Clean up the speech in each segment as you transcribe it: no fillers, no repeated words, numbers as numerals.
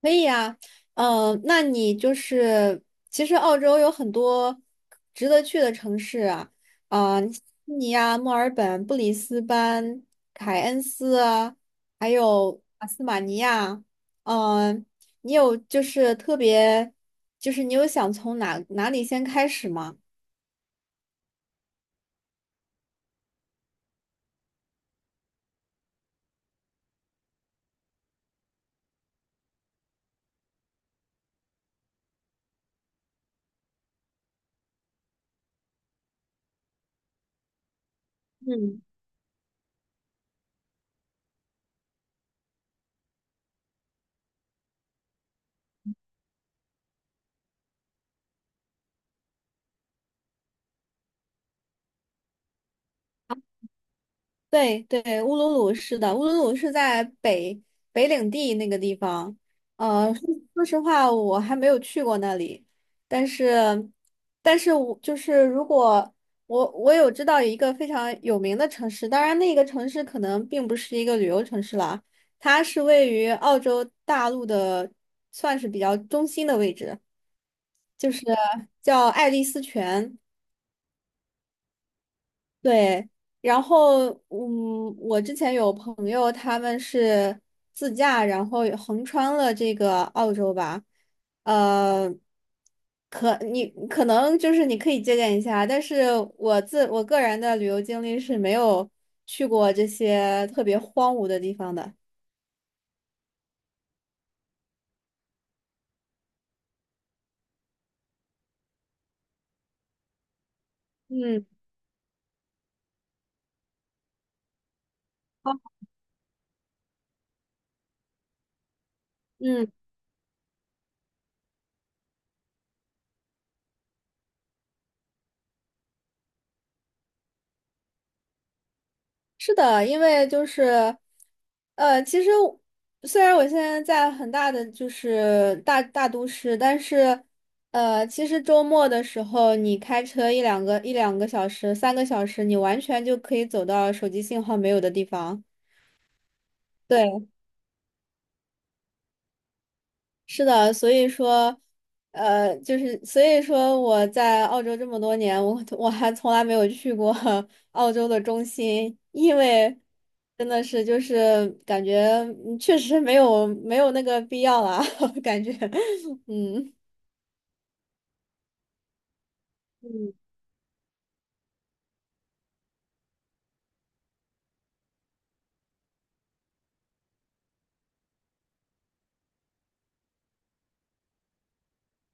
可以呀。那你就是其实澳洲有很多值得去的城市啊，啊、悉尼啊、墨尔本、布里斯班、凯恩斯啊，还有阿斯马尼亚。嗯，你有就是特别，就是你有想从哪里先开始吗？嗯。对对，乌鲁鲁是的，乌鲁鲁是在北领地那个地方。呃，说说实话，我还没有去过那里。但是，但是我就是如果我有知道一个非常有名的城市，当然那个城市可能并不是一个旅游城市啦。它是位于澳洲大陆的，算是比较中心的位置，就是叫爱丽丝泉。对，然后我之前有朋友他们是自驾，然后横穿了这个澳洲吧。呃，可你可能就是你可以借鉴一下，但是我个人的旅游经历是没有去过这些特别荒芜的地方的。嗯好，嗯。是的，因为就是，其实我虽然我现在在很大的就是大都市，但是，其实周末的时候，你开车一两个小时、3个小时，你完全就可以走到手机信号没有的地方。对。是的，所以说，呃，就是所以说我在澳洲这么多年，我还从来没有去过 澳洲的中心。因为真的是就是感觉确实没有没有那个必要啦，感觉。嗯。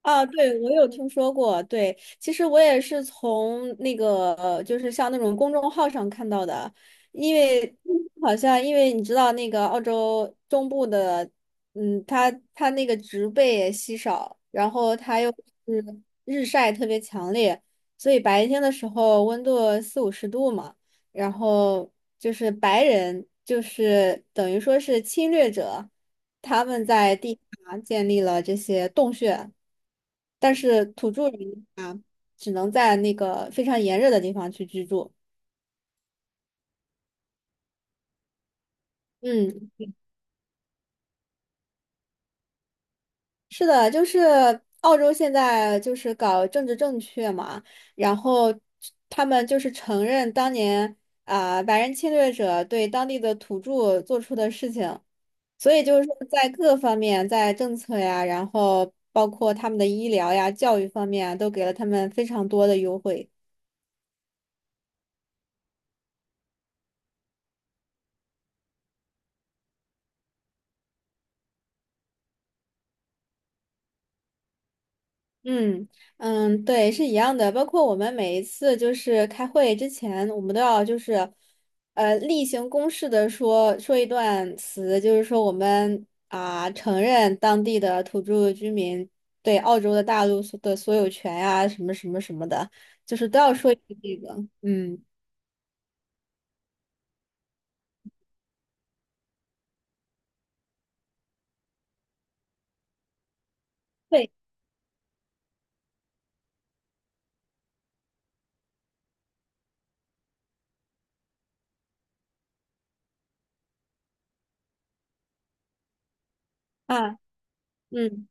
啊，对，我有听说过。对，其实我也是从那个，就是像那种公众号上看到的。因为好像因为你知道那个澳洲中部的，它那个植被也稀少，然后它又是日晒特别强烈，所以白天的时候温度四五十度嘛。然后就是白人就是等于说是侵略者，他们在地下建立了这些洞穴。但是土著人啊，只能在那个非常炎热的地方去居住。嗯，是的，就是澳洲现在就是搞政治正确嘛，然后他们就是承认当年啊、白人侵略者对当地的土著做出的事情。所以就是说在各方面，在政策呀，然后包括他们的医疗呀、教育方面啊都给了他们非常多的优惠。嗯嗯，对，是一样的。包括我们每一次就是开会之前，我们都要就是，例行公事的说说一段词，就是说我们啊、承认当地的土著居民对澳洲的大陆所有权呀、什么什么什么的，就是都要说一句这个。嗯，对啊，嗯。嗯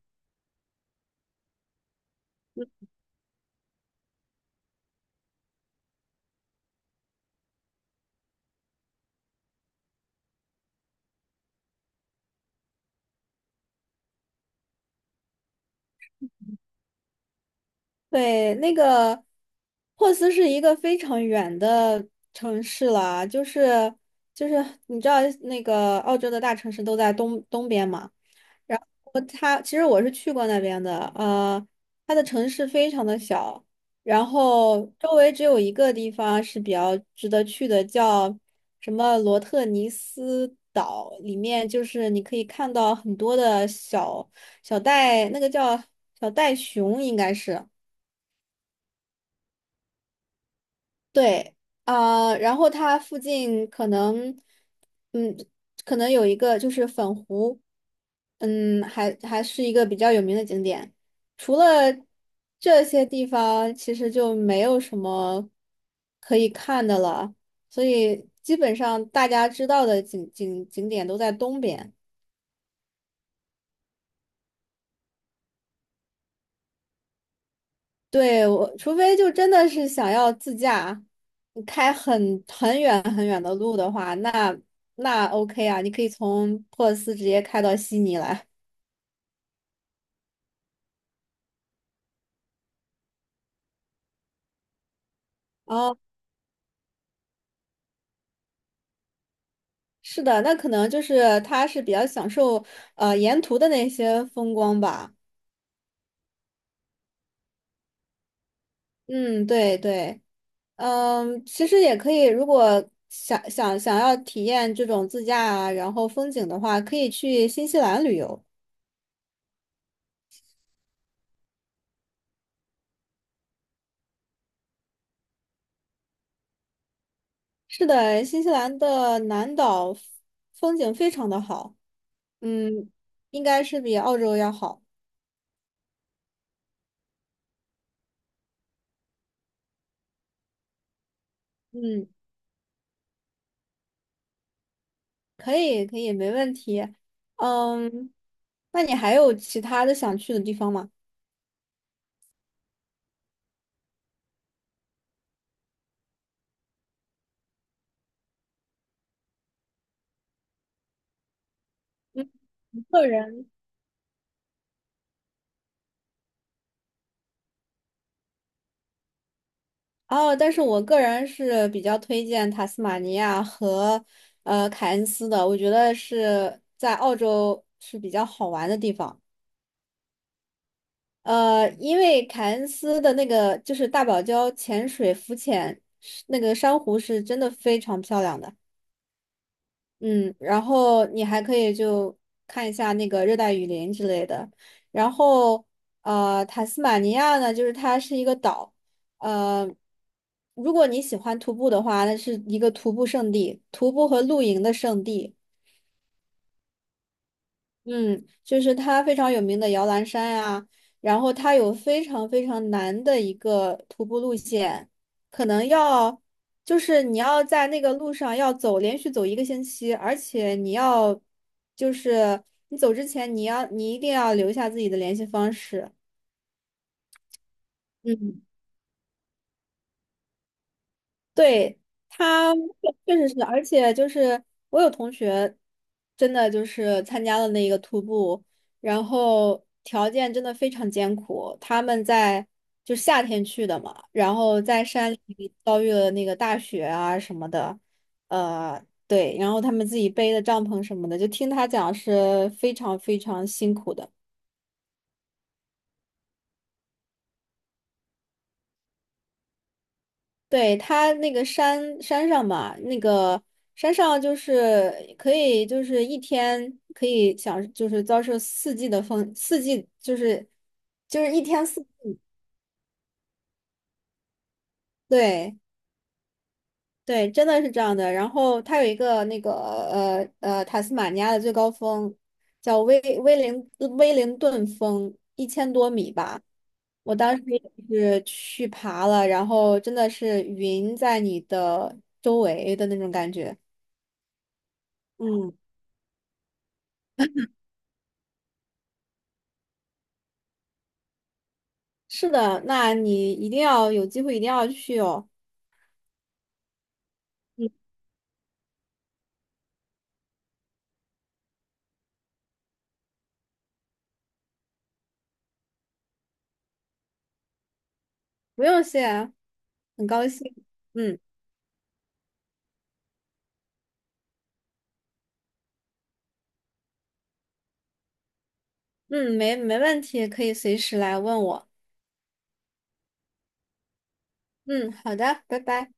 对，那个珀斯是一个非常远的城市了。就是你知道那个澳洲的大城市都在东边嘛。然后它其实我是去过那边的，它的城市非常的小。然后周围只有一个地方是比较值得去的，叫什么罗特尼斯岛，里面就是你可以看到很多的小袋，那个叫小袋熊应该是。对，啊、然后它附近可能，嗯，可能有一个就是粉湖，还是一个比较有名的景点。除了这些地方，其实就没有什么可以看的了，所以基本上大家知道的景点都在东边。对，我除非就真的是想要自驾，你开很远很远的路的话，那 OK 啊，你可以从珀尔斯直接开到悉尼来。哦，是的，那可能就是他是比较享受沿途的那些风光吧。嗯，对对。其实也可以，如果想要体验这种自驾啊，然后风景的话，可以去新西兰旅游。是的，新西兰的南岛风景非常的好，嗯，应该是比澳洲要好。嗯，可以，可以，没问题。嗯，那你还有其他的想去的地方吗？嗯，个人哦，但是我个人是比较推荐塔斯马尼亚和凯恩斯的，我觉得是在澳洲是比较好玩的地方。因为凯恩斯的那个就是大堡礁潜水浮潜，是那个珊瑚是真的非常漂亮的。嗯，然后你还可以就看一下那个热带雨林之类的。然后塔斯马尼亚呢，就是它是一个岛。呃，如果你喜欢徒步的话，那是一个徒步圣地，徒步和露营的圣地。嗯，就是它非常有名的摇篮山呀，然后它有非常非常难的一个徒步路线。可能要就是你要在那个路上连续走一个星期，而且你要就是你走之前你一定要留下自己的联系方式。嗯。对，他确实是，而且就是我有同学，真的就是参加了那个徒步，然后条件真的非常艰苦。他们在就夏天去的嘛，然后在山里遭遇了那个大雪啊什么的。对，然后他们自己背的帐篷什么的，就听他讲是非常非常辛苦的。对，它那个山上嘛，那个山上就是可以，就是一天可以享，就是遭受四季的风，四季就是一天四季，对对，真的是这样的。然后它有一个那个塔斯马尼亚的最高峰，叫威灵顿峰，1000多米吧。我当时也是去爬了，然后真的是云在你的周围的那种感觉。嗯。是的，那你一定要有机会，一定要去哦。嗯，不用谢啊，很高兴。嗯嗯，没问题，可以随时来问我。嗯，好的，拜拜。